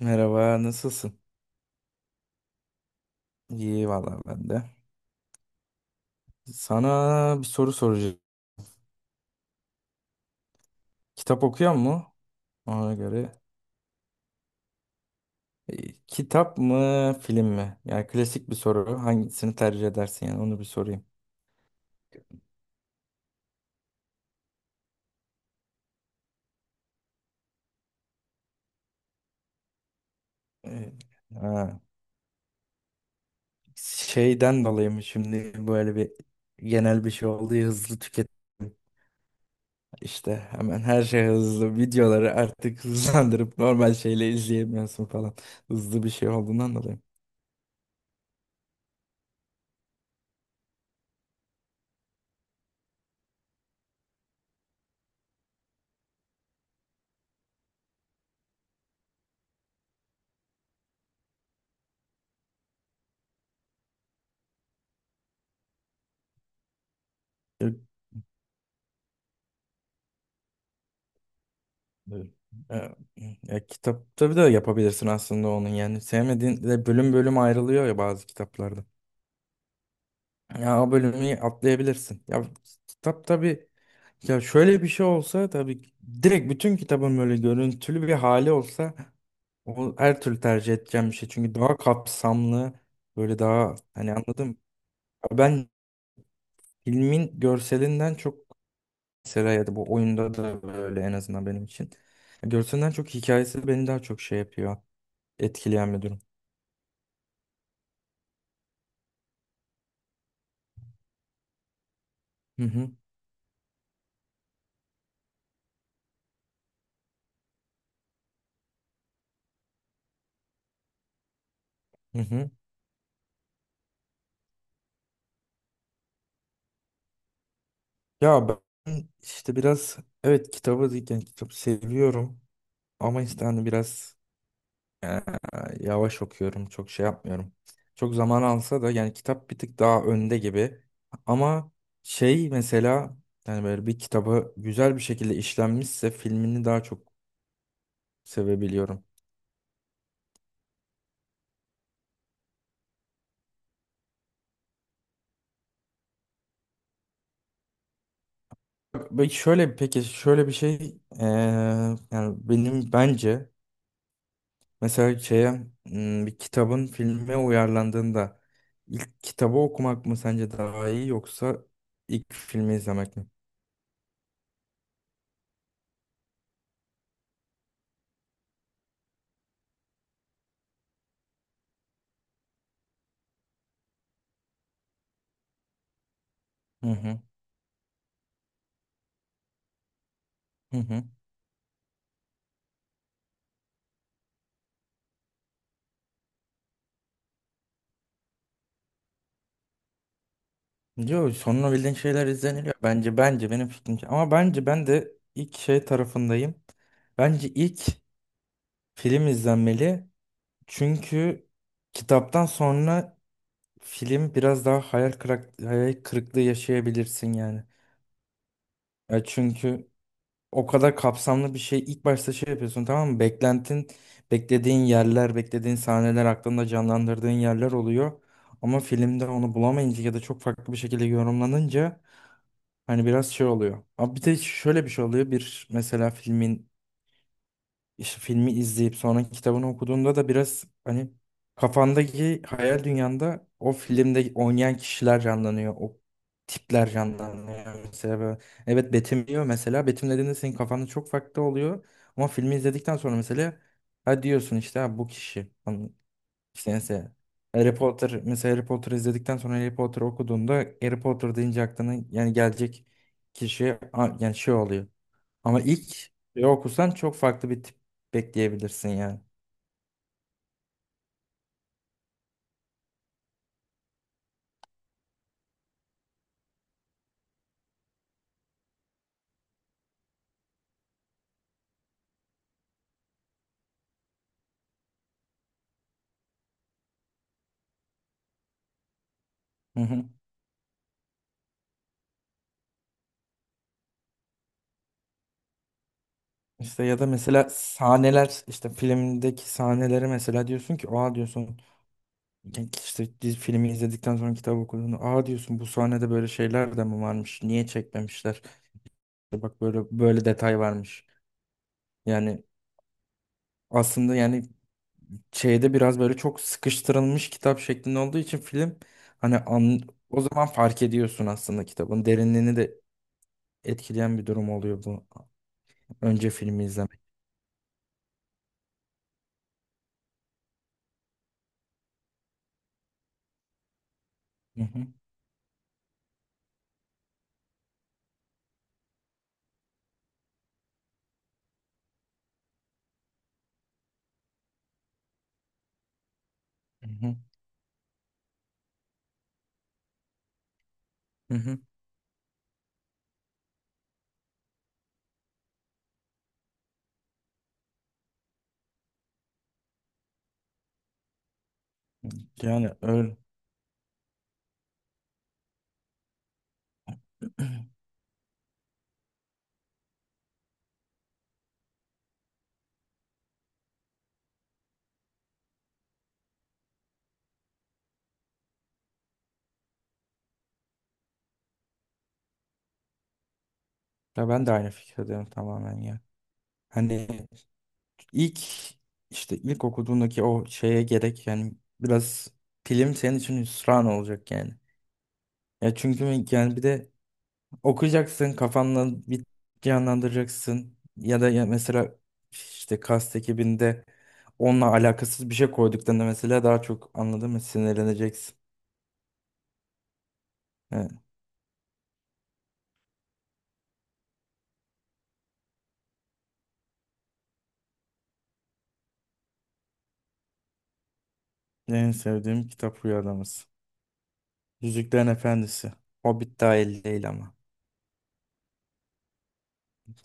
Merhaba, nasılsın? İyi valla ben de. Sana bir soru soracağım. Kitap okuyor mu? Ona göre. Kitap mı, film mi? Yani klasik bir soru. Hangisini tercih edersin yani onu bir sorayım. E, ha. Şeyden dolayı mı şimdi böyle bir genel bir şey oldu ya, hızlı tüketim. İşte hemen her şey hızlı. Videoları artık hızlandırıp normal şeyle izleyemiyorsun falan. Hızlı bir şey olduğundan dolayı. Evet. Ya, ya kitapta da yapabilirsin aslında onun yani sevmediğin de bölüm bölüm ayrılıyor ya bazı kitaplarda. Ya o bölümü atlayabilirsin. Ya kitap tabii ya şöyle bir şey olsa direkt bütün kitabın böyle görüntülü bir hali olsa o her türlü tercih edeceğim bir şey. Çünkü daha kapsamlı böyle daha hani anladım. Ben filmin görselinden çok mesela ya da bu oyunda da böyle en azından benim için. Görselinden çok hikayesi beni daha çok şey yapıyor. Etkileyen bir durum. Hı hı, hı hı. Ya ben işte biraz evet kitabı yani kitap seviyorum ama işte hani biraz eee, yavaş okuyorum. Çok şey yapmıyorum. Çok zaman alsa da yani kitap bir tık daha önde gibi. Ama şey mesela yani böyle bir kitabı güzel bir şekilde işlenmişse filmini daha çok sevebiliyorum. Peki şöyle bir şey eee, yani benim bence mesela şeye bir kitabın filme uyarlandığında ilk kitabı okumak mı sence daha iyi yoksa ilk filmi izlemek mi? Hı hı, hı hı. Diyor sonunu bildiğin şeyler izleniliyor. Bence benim fikrimce. Ama bence ben de ilk şey tarafındayım. Bence ilk film izlenmeli. Çünkü kitaptan sonra film biraz daha hayal kırıklığı yaşayabilirsin yani. Ya çünkü o kadar kapsamlı bir şey ilk başta şey yapıyorsun, tamam mı? Beklentin, beklediğin yerler, beklediğin sahneler, aklında canlandırdığın yerler oluyor. Ama filmde onu bulamayınca ya da çok farklı bir şekilde yorumlanınca hani biraz şey oluyor. Ama bir de şöyle bir şey oluyor. Bir mesela filmin işte filmi izleyip sonra kitabını okuduğunda da biraz hani kafandaki hayal dünyanda o filmde oynayan kişiler canlanıyor. O tipler canlanıyor. Evet betimliyor mesela. Betimlediğinde senin kafanda çok farklı oluyor. Ama filmi izledikten sonra mesela ha diyorsun işte ha bu kişi. Hani işte mesela Harry Potter mesela Harry Potter izledikten sonra Harry Potter okuduğunda Harry Potter deyince aklına yani gelecek kişi yani şey oluyor. Ama ilk bir okursan çok farklı bir tip bekleyebilirsin yani. Hı hı. İşte ya da mesela sahneler işte filmdeki sahneleri mesela diyorsun ki oha diyorsun İlk işte dizi, filmi izledikten sonra kitabı okuduğunu aa diyorsun bu sahnede böyle şeyler de mi varmış? Niye çekmemişler? İşte bak böyle böyle detay varmış. Yani aslında yani şeyde biraz böyle çok sıkıştırılmış kitap şeklinde olduğu için film hani an, o zaman fark ediyorsun aslında kitabın derinliğini de etkileyen bir durum oluyor bu önce filmi izlemek. Hı hı, hı hı, hı hı. Yani öyle. Ya ben de aynı fikirdeyim tamamen ya. Hani İlk işte ilk okuduğundaki o şeye gerek yani biraz film senin için hüsran olacak yani. Ya çünkü yani bir de okuyacaksın kafanla bir canlandıracaksın ya da ya mesela işte kast ekibinde onunla alakasız bir şey koyduklarında mesela daha çok anladın mı sinirleneceksin. Evet. En sevdiğim kitap Rüyalamız. Yüzüklerin Efendisi. Hobbit dahil değil ama.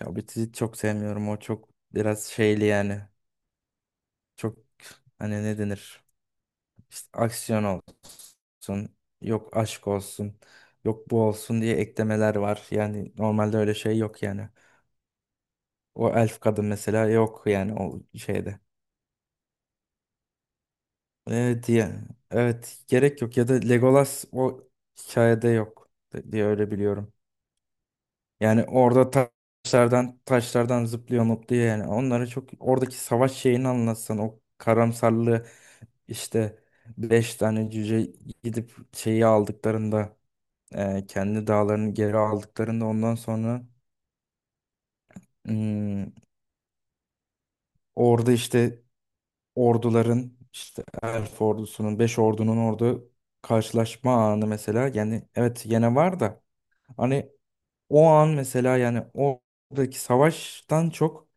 Ya Hobbit'i çok sevmiyorum. O çok biraz şeyli yani. Çok hani ne denir? İşte aksiyon olsun, yok aşk olsun, yok bu olsun diye eklemeler var. Yani normalde öyle şey yok yani. O elf kadın mesela yok yani o şeyde. Evet diye. Evet gerek yok ya da Legolas o hikayede yok diye öyle biliyorum. Yani orada ta- taşlardan zıplıyor mutluyor yani. Onlara çok oradaki savaş şeyini anlatsan o karamsarlığı işte beş tane cüce gidip şeyi aldıklarında kendi dağlarını geri aldıklarında ondan sonra hmm, orada işte orduların işte Elf ordusunun, Beş ordunun orada karşılaşma anı mesela yani evet yine var da hani o an mesela yani oradaki savaştan çok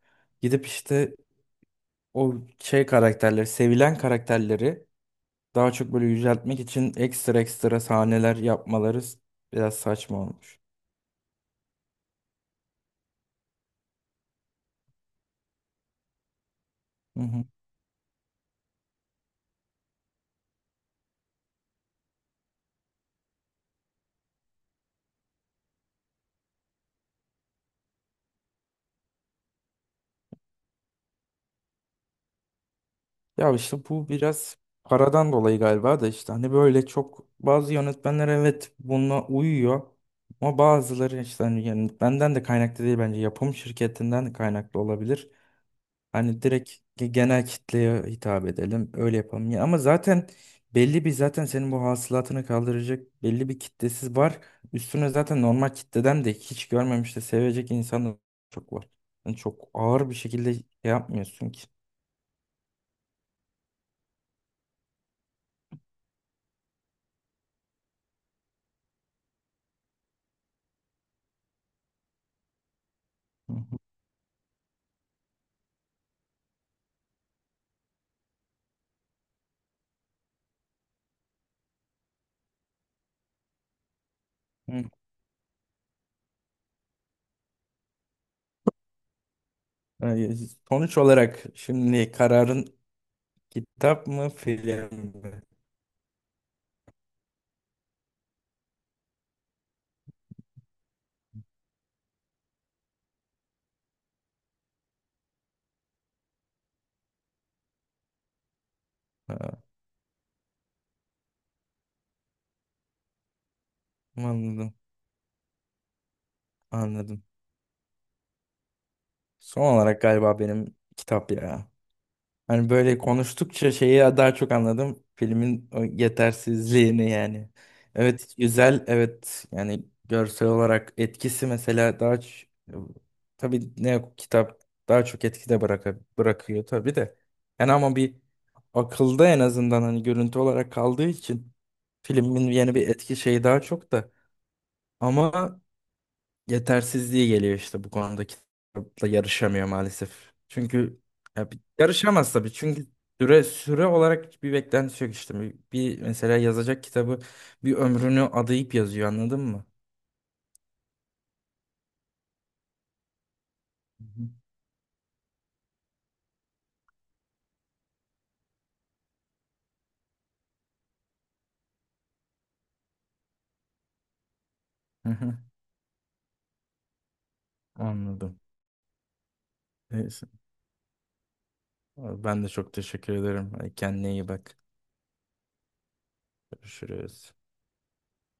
gidip işte o şey karakterleri, sevilen karakterleri daha çok böyle yüceltmek için ekstra ekstra sahneler yapmaları biraz saçma olmuş. Ya işte bu biraz paradan dolayı galiba da işte hani böyle çok bazı yönetmenler evet buna uyuyor ama bazıları işte hani yönetmenden de kaynaklı değil bence yapım şirketinden de kaynaklı olabilir. Hani direkt genel kitleye hitap edelim öyle yapalım ya ama zaten belli bir zaten senin bu hasılatını kaldıracak belli bir kitlesiz var. Üstüne zaten normal kitleden de hiç görmemiş de sevecek insan da çok var. Yani çok ağır bir şekilde şey yapmıyorsun ki. Hı hı. Ee, Sonuç olarak şimdi kararın kitap mı film mi? Ha, anladım, anladım. Son olarak galiba benim kitap ya. Hani böyle konuştukça şeyi daha çok anladım. Filmin o yetersizliğini yani. Evet güzel, evet yani görsel olarak etkisi mesela tabii ne kitap daha çok etkide bırakıyor tabii de. Yani ama bir akılda en azından hani görüntü olarak kaldığı için filmin yeni bir etki şeyi daha çok da ama yetersizliği geliyor işte bu konuda kitapla yarışamıyor maalesef. Çünkü yarışamaz tabii çünkü süre olarak bir beklenti yok işte. Bir mesela yazacak kitabı bir ömrünü adayıp yazıyor anladın mı? Hı hı. Hı hı. Anladım. Neyse. Ben de çok teşekkür ederim. Kendine iyi bak. Görüşürüz.